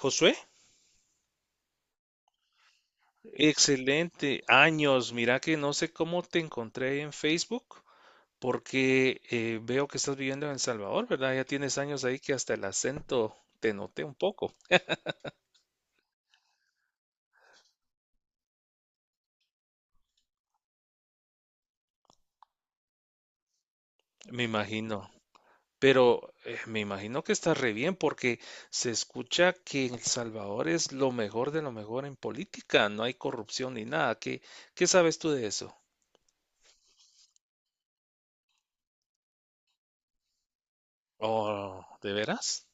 Josué, excelente. Años, mira que no sé cómo te encontré en Facebook, porque veo que estás viviendo en El Salvador, ¿verdad? Ya tienes años ahí que hasta el acento te noté un poco, me imagino. Pero me imagino que estás re bien, porque se escucha que en El Salvador es lo mejor de lo mejor en política, no hay corrupción ni nada. ¿Qué sabes tú de eso? Oh, ¿de veras?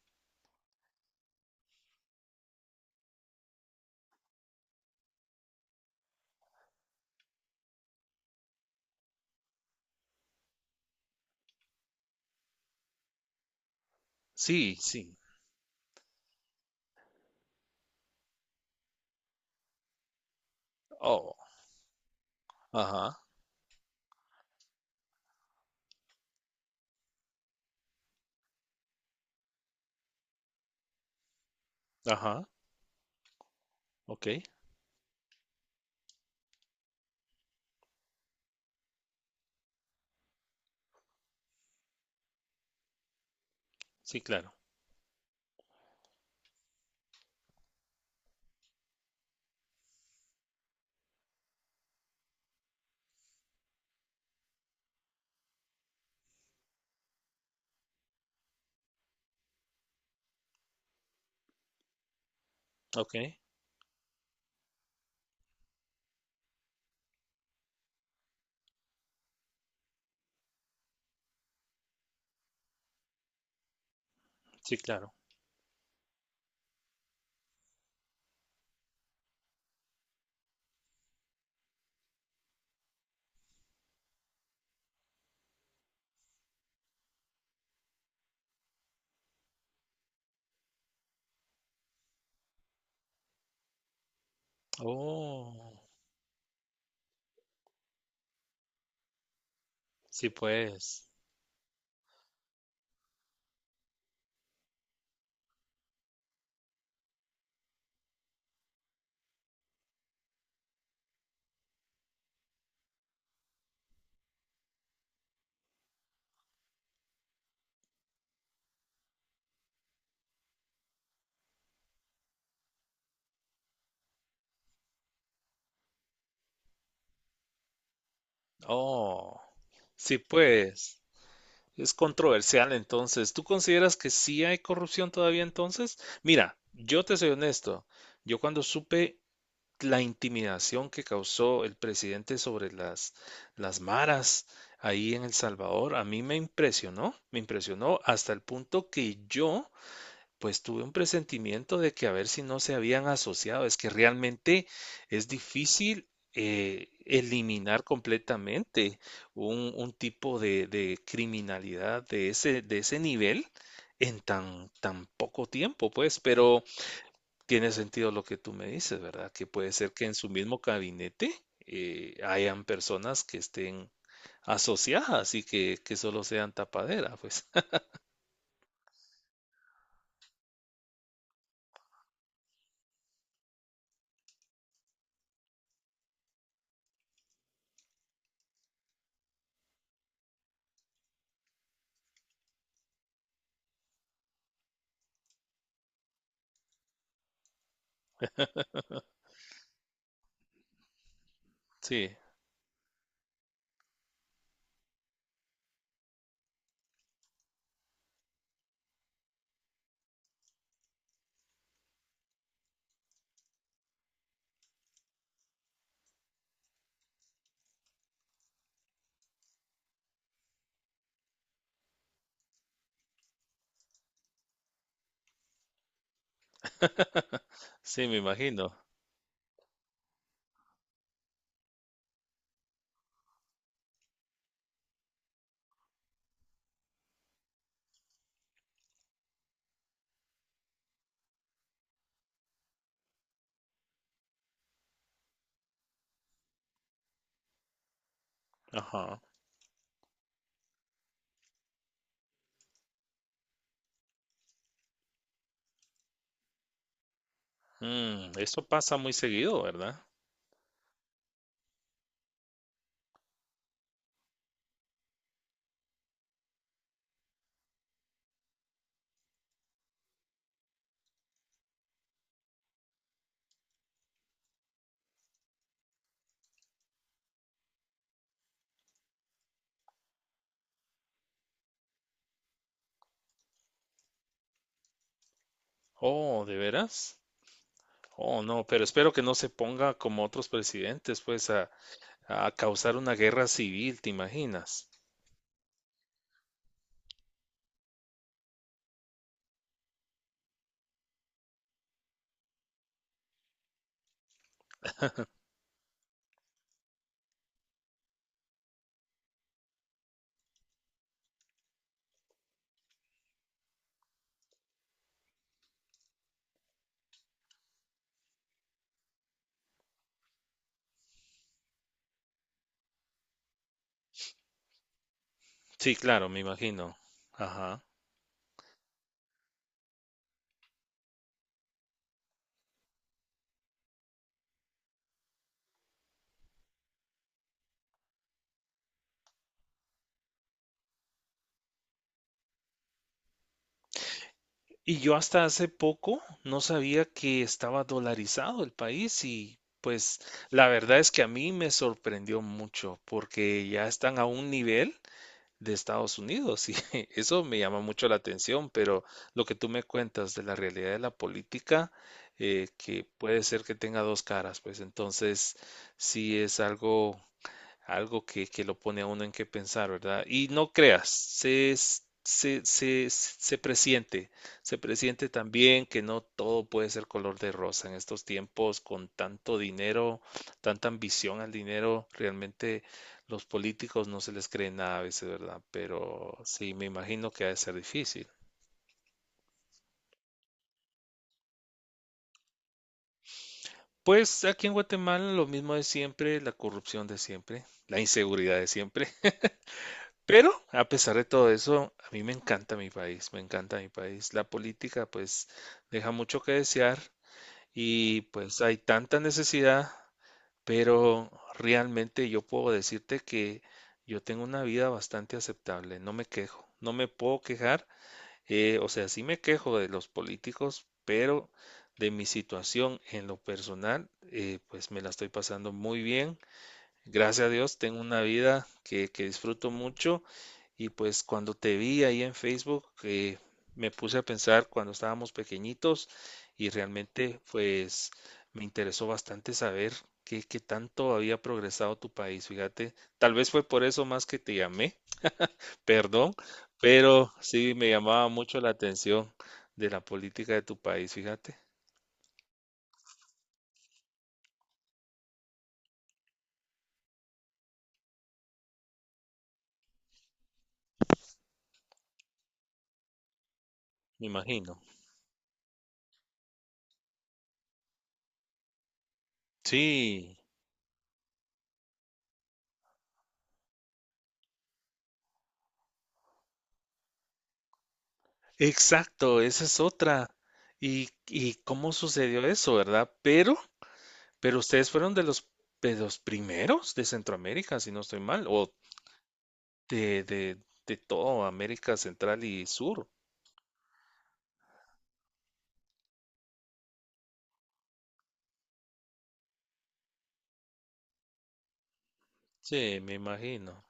Sí, sí. Oh, ajá, ajá, ok, sí, claro, ok. Sí, claro. Oh, sí, pues. Oh, sí, pues. Es controversial entonces. ¿Tú consideras que sí hay corrupción todavía entonces? Mira, yo te soy honesto. Yo cuando supe la intimidación que causó el presidente sobre las maras ahí en El Salvador, a mí me impresionó hasta el punto que yo pues tuve un presentimiento de que a ver si no se habían asociado. Es que realmente es difícil, eliminar completamente un tipo de criminalidad de ese nivel en tan, tan poco tiempo, pues. Pero tiene sentido lo que tú me dices, ¿verdad? Que puede ser que en su mismo gabinete hayan personas que estén asociadas y que solo sean tapadera, pues. Sí, sí, me imagino. Ajá. Mm, eso pasa muy seguido, ¿verdad? Oh, ¿de veras? Oh, no, pero espero que no se ponga como otros presidentes, pues, a causar una guerra civil, ¿te imaginas? Sí, claro, me imagino. Ajá. Y yo hasta hace poco no sabía que estaba dolarizado el país y pues la verdad es que a mí me sorprendió mucho porque ya están a un nivel de Estados Unidos y eso me llama mucho la atención, pero lo que tú me cuentas de la realidad de la política, que puede ser que tenga dos caras, pues entonces sí es algo, algo que lo pone a uno en qué pensar, ¿verdad? Y no creas, se presiente, se presiente también que no todo puede ser color de rosa en estos tiempos con tanto dinero, tanta ambición al dinero, realmente los políticos no se les cree nada a veces, ¿verdad? Pero sí, me imagino que ha de ser difícil. Pues aquí en Guatemala lo mismo de siempre, la corrupción de siempre, la inseguridad de siempre. Pero a pesar de todo eso, a mí me encanta mi país, me encanta mi país. La política pues deja mucho que desear y pues hay tanta necesidad, pero realmente yo puedo decirte que yo tengo una vida bastante aceptable, no me quejo, no me puedo quejar, o sea, sí me quejo de los políticos, pero de mi situación en lo personal, pues me la estoy pasando muy bien. Gracias a Dios, tengo una vida que disfruto mucho y pues cuando te vi ahí en Facebook, me puse a pensar cuando estábamos pequeñitos y realmente pues me interesó bastante saber qué tanto había progresado tu país, fíjate, tal vez fue por eso más que te llamé, perdón, pero sí me llamaba mucho la atención de la política de tu país, fíjate, me imagino. Sí. Exacto, esa es otra. Y cómo sucedió eso, verdad? Pero ustedes fueron de los primeros de Centroamérica, si no estoy mal, o de, de, de todo América Central y Sur. Sí, me imagino.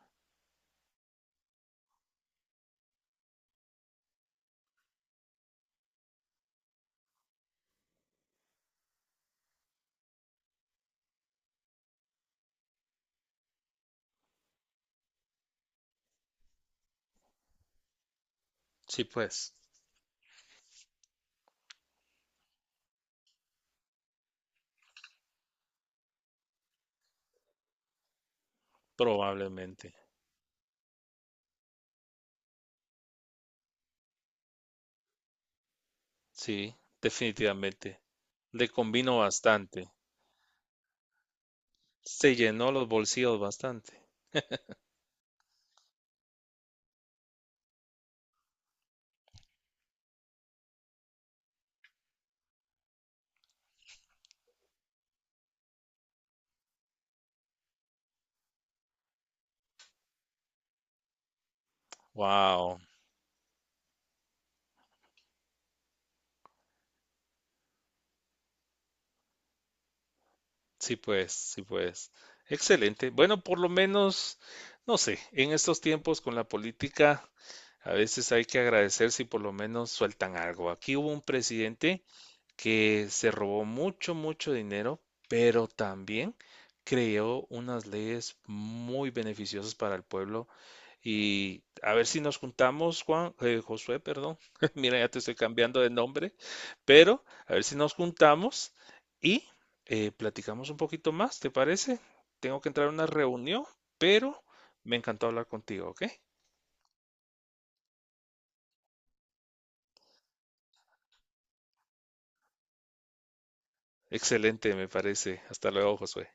Sí, pues, probablemente. Sí, definitivamente. Le combinó bastante. Se llenó los bolsillos bastante. Wow. Sí, pues, sí, pues. Excelente. Bueno, por lo menos, no sé, en estos tiempos con la política, a veces hay que agradecer si por lo menos sueltan algo. Aquí hubo un presidente que se robó mucho, mucho dinero, pero también creó unas leyes muy beneficiosas para el pueblo y a ver si nos juntamos, Juan, Josué, perdón. Mira, ya te estoy cambiando de nombre, pero a ver si nos juntamos y platicamos un poquito más, ¿te parece? Tengo que entrar a una reunión, pero me encantó hablar contigo, ¿ok? Excelente, me parece. Hasta luego, Josué.